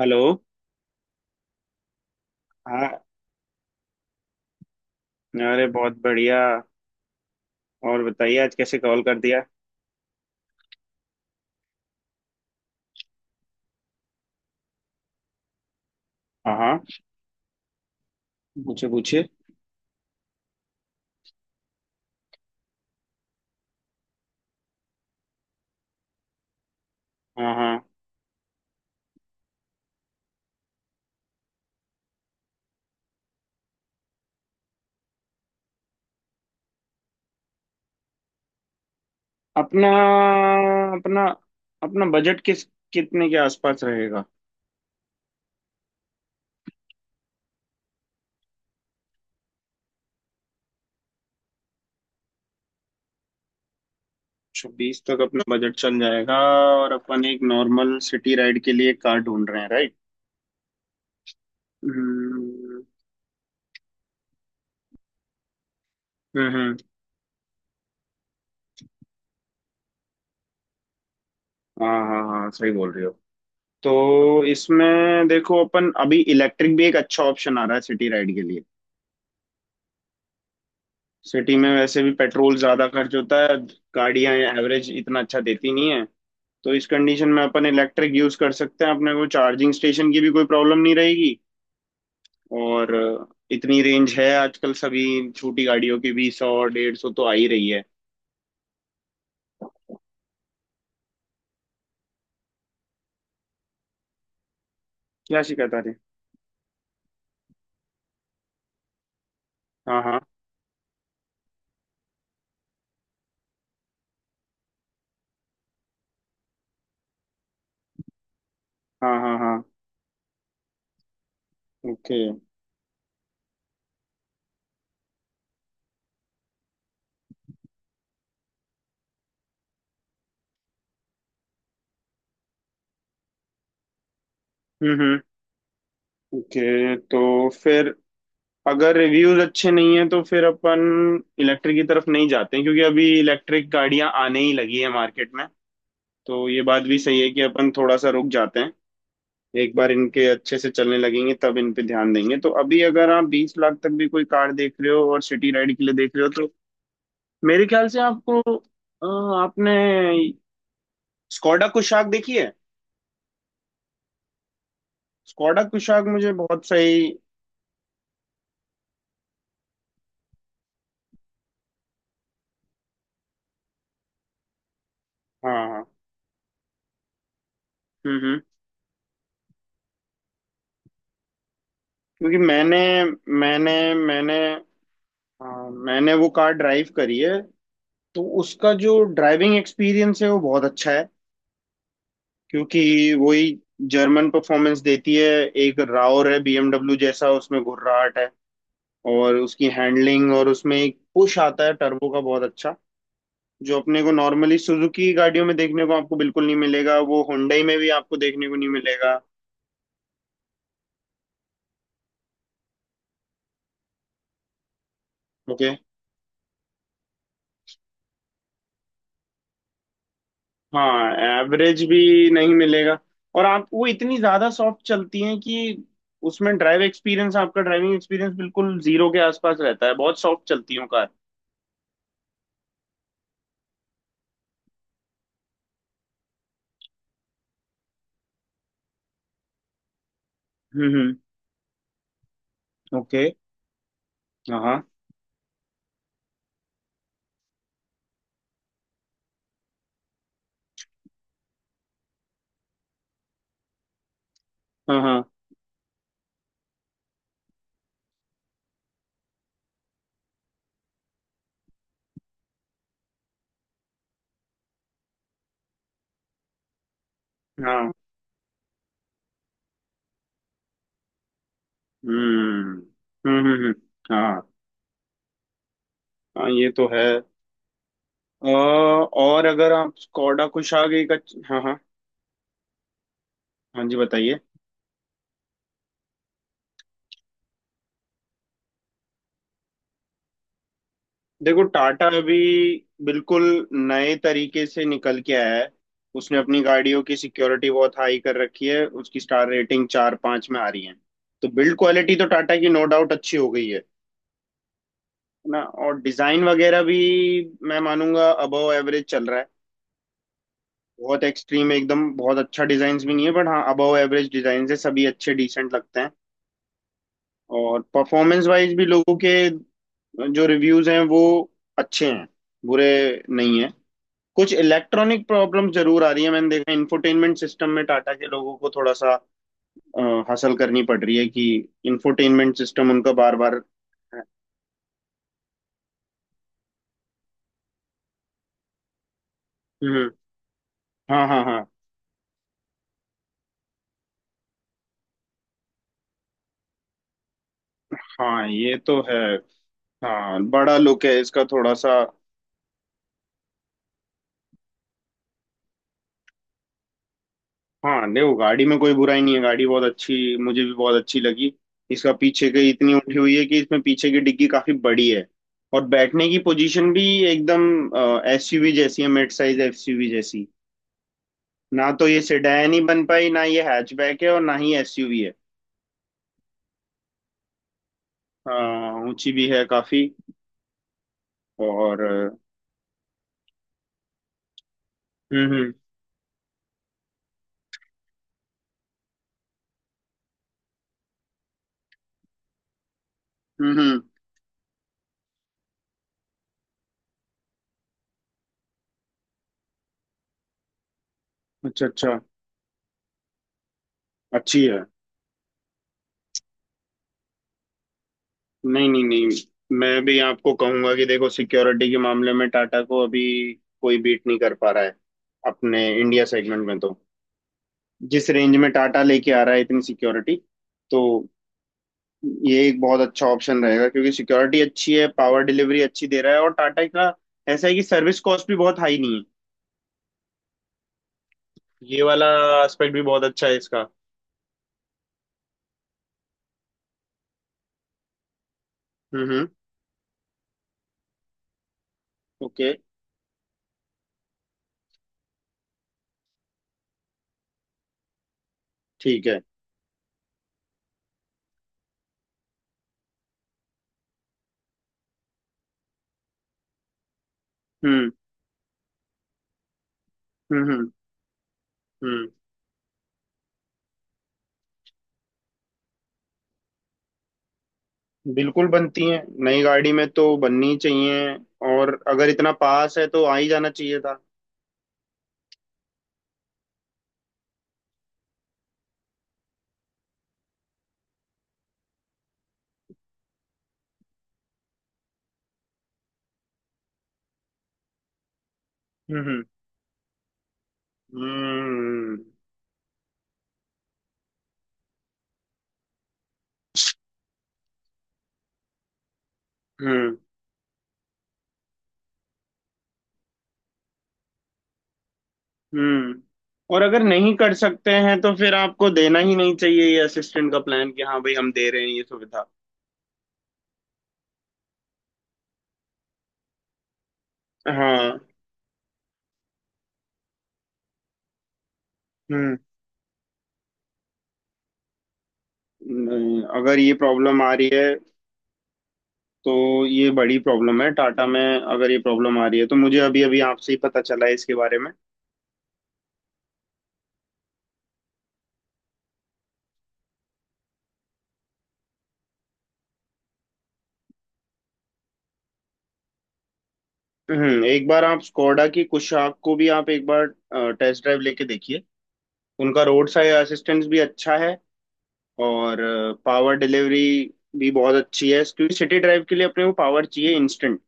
Hello. हाँ। अरे बहुत बढ़िया। और बताइए आज कैसे कॉल कर दिया। हाँ हाँ। पूछे पूछे। हाँ हाँ। अपना अपना अपना बजट किस कितने के आसपास रहेगा। बीस तक अपना बजट चल जाएगा। और अपन एक नॉर्मल सिटी राइड के लिए कार ढूंढ रहे हैं, राइट। हम्म हम्म। हाँ हाँ हाँ, सही बोल रही हो। तो इसमें देखो अपन अभी इलेक्ट्रिक भी एक अच्छा ऑप्शन आ रहा है सिटी राइड के लिए। सिटी में वैसे भी पेट्रोल ज्यादा खर्च होता है। गाड़ियां एवरेज इतना अच्छा देती नहीं है। तो इस कंडीशन में अपन इलेक्ट्रिक यूज कर सकते हैं, अपने को चार्जिंग स्टेशन की भी कोई प्रॉब्लम नहीं रहेगी। और इतनी रेंज है आजकल सभी छोटी गाड़ियों की भी, 100 150 तो आ ही रही है। क्या शिकायत आ रही। हाँ हाँ हाँ। हाँ हाँ। ओके। हम्म। ओके तो फिर अगर रिव्यूज अच्छे नहीं है तो फिर अपन इलेक्ट्रिक की तरफ नहीं जाते हैं, क्योंकि अभी इलेक्ट्रिक गाड़ियां आने ही लगी है मार्केट में। तो ये बात भी सही है कि अपन थोड़ा सा रुक जाते हैं। एक बार इनके अच्छे से चलने लगेंगे तब इन पे ध्यान देंगे। तो अभी अगर आप 20 लाख तक भी कोई कार देख रहे हो और सिटी राइड के लिए देख रहे हो तो मेरे ख्याल से आपको आपने स्कॉडा कुशाक देखी है। स्कॉडा कुशाक मुझे बहुत सही। हाँ हाँ। हम्म। क्योंकि मैंने मैंने मैंने हाँ, मैंने वो कार ड्राइव करी है। तो उसका जो ड्राइविंग एक्सपीरियंस है वो बहुत अच्छा है। क्योंकि वही जर्मन परफॉर्मेंस देती है। एक रावर है बीएमडब्ल्यू जैसा, उसमें घुर्राहट है। और उसकी हैंडलिंग, और उसमें एक पुश आता है टर्बो का, बहुत अच्छा। जो अपने को नॉर्मली सुजुकी गाड़ियों में देखने को आपको बिल्कुल नहीं मिलेगा, वो हुंडई में भी आपको देखने को नहीं मिलेगा। ओके। हाँ। एवरेज भी नहीं मिलेगा। और आप वो इतनी ज्यादा सॉफ्ट चलती हैं कि उसमें ड्राइव एक्सपीरियंस आपका ड्राइविंग एक्सपीरियंस बिल्कुल जीरो के आसपास रहता है, बहुत सॉफ्ट चलती है वो कार। हम्म। ओके। हाँ हाँ हाँ हाँ। हम्म हम्म हम्म हम्म, हाँ हाँ, ये तो है। और अगर आप स्कोडा कुशाग एक हाँ हाँ। हाँ जी बताइए। देखो टाटा अभी बिल्कुल नए तरीके से निकल के आया है। उसने अपनी गाड़ियों की सिक्योरिटी बहुत हाई कर रखी है, उसकी स्टार रेटिंग 4-5 में आ रही है। तो बिल्ड क्वालिटी तो टाटा की नो डाउट अच्छी हो गई है ना। और डिजाइन वगैरह भी मैं मानूंगा अबव एवरेज चल रहा है। बहुत एक्सट्रीम एकदम बहुत अच्छा डिजाइन भी नहीं है बट हाँ, अबव एवरेज डिजाइन है, सभी अच्छे डिसेंट लगते हैं। और परफॉर्मेंस वाइज भी लोगों के जो रिव्यूज हैं वो अच्छे हैं, बुरे नहीं है। कुछ इलेक्ट्रॉनिक प्रॉब्लम जरूर आ रही है, मैंने देखा इंफोटेनमेंट सिस्टम में टाटा के लोगों को थोड़ा सा अ, हासिल करनी पड़ रही है कि इंफोटेनमेंट सिस्टम उनका बार बार। हम्म। हाँ हाँ हाँ हाँ, ये तो है। हाँ, बड़ा लुक है इसका थोड़ा सा। हाँ देखो गाड़ी में कोई बुराई नहीं है, गाड़ी बहुत अच्छी, मुझे भी बहुत अच्छी लगी। इसका पीछे की इतनी उठी हुई है कि इसमें पीछे की डिग्गी काफी बड़ी है। और बैठने की पोजीशन भी एकदम एसयूवी जैसी है, मिड साइज एसयूवी जैसी। ना तो ये सेडान ही बन पाई, ना ये हैचबैक है, और ना ही एसयूवी है। हाँ ऊंची भी है काफी। और हम्म हम्म हम्म हम्म, अच्छा अच्छा। अच्छी है। नहीं नहीं नहीं। मैं भी आपको कहूंगा कि देखो सिक्योरिटी के मामले में टाटा को अभी कोई बीट नहीं कर पा रहा है अपने इंडिया सेगमेंट में। तो जिस रेंज में टाटा लेके आ रहा है इतनी सिक्योरिटी, तो ये एक बहुत अच्छा ऑप्शन रहेगा, क्योंकि सिक्योरिटी अच्छी है, पावर डिलीवरी अच्छी दे रहा है। और टाटा का ऐसा है कि सर्विस कॉस्ट भी बहुत हाई नहीं है, ये वाला एस्पेक्ट भी बहुत अच्छा है इसका। हम्म। ओके। ठीक है। हम्म हम्म हम्म हम्म। बिल्कुल बनती हैं, नई गाड़ी में तो बननी ही चाहिए। और अगर इतना पास है तो आ ही जाना चाहिए था। हम्म हम्म हम्म हम्म। और अगर नहीं कर सकते हैं तो फिर आपको देना ही नहीं चाहिए ये असिस्टेंट का प्लान कि हाँ भाई हम दे रहे हैं ये सुविधा। हाँ। हम्म। नहीं, अगर ये प्रॉब्लम आ रही है तो ये बड़ी प्रॉब्लम है टाटा में। अगर ये प्रॉब्लम आ रही है तो मुझे अभी अभी आपसे ही पता चला है इसके बारे में। हम्म। एक बार आप स्कोडा की कुशाक को भी आप एक बार टेस्ट ड्राइव लेके देखिए। उनका रोड साइड असिस्टेंस भी अच्छा है। और पावर डिलीवरी भी बहुत अच्छी है, क्योंकि सिटी ड्राइव के लिए अपने को पावर चाहिए इंस्टेंट।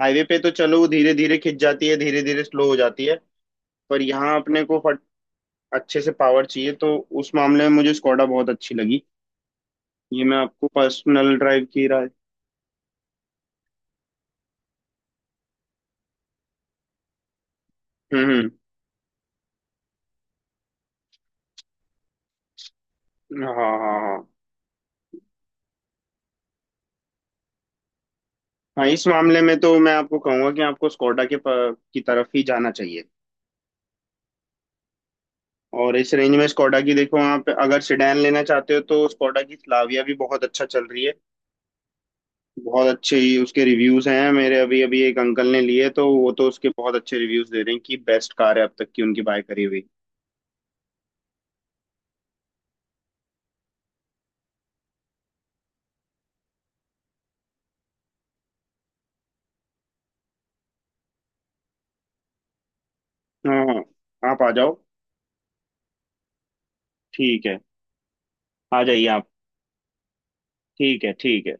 हाईवे पे तो चलो वो धीरे धीरे खिंच जाती है, धीरे धीरे स्लो हो जाती है। पर यहाँ अपने को फट अच्छे से पावर चाहिए, तो उस मामले में मुझे स्कोडा बहुत अच्छी लगी। ये मैं आपको पर्सनल ड्राइव की राय। हम्म हम्म, हाँ हाँ हाँ। हाँ इस मामले में तो मैं आपको कहूंगा कि आपको स्कोडा के की तरफ ही जाना चाहिए। और इस रेंज में स्कोडा की, देखो आप अगर सिडैन लेना चाहते हो तो स्कोडा की स्लाविया भी बहुत अच्छा चल रही है। बहुत अच्छे ही उसके रिव्यूज हैं, मेरे अभी अभी एक अंकल ने लिए तो वो तो उसके बहुत अच्छे रिव्यूज दे रहे हैं कि बेस्ट कार है अब तक की उनकी बाय करी हुई। हाँ हाँ, आप आ जाओ। ठीक है। आ जाइए आप। ठीक है ठीक है।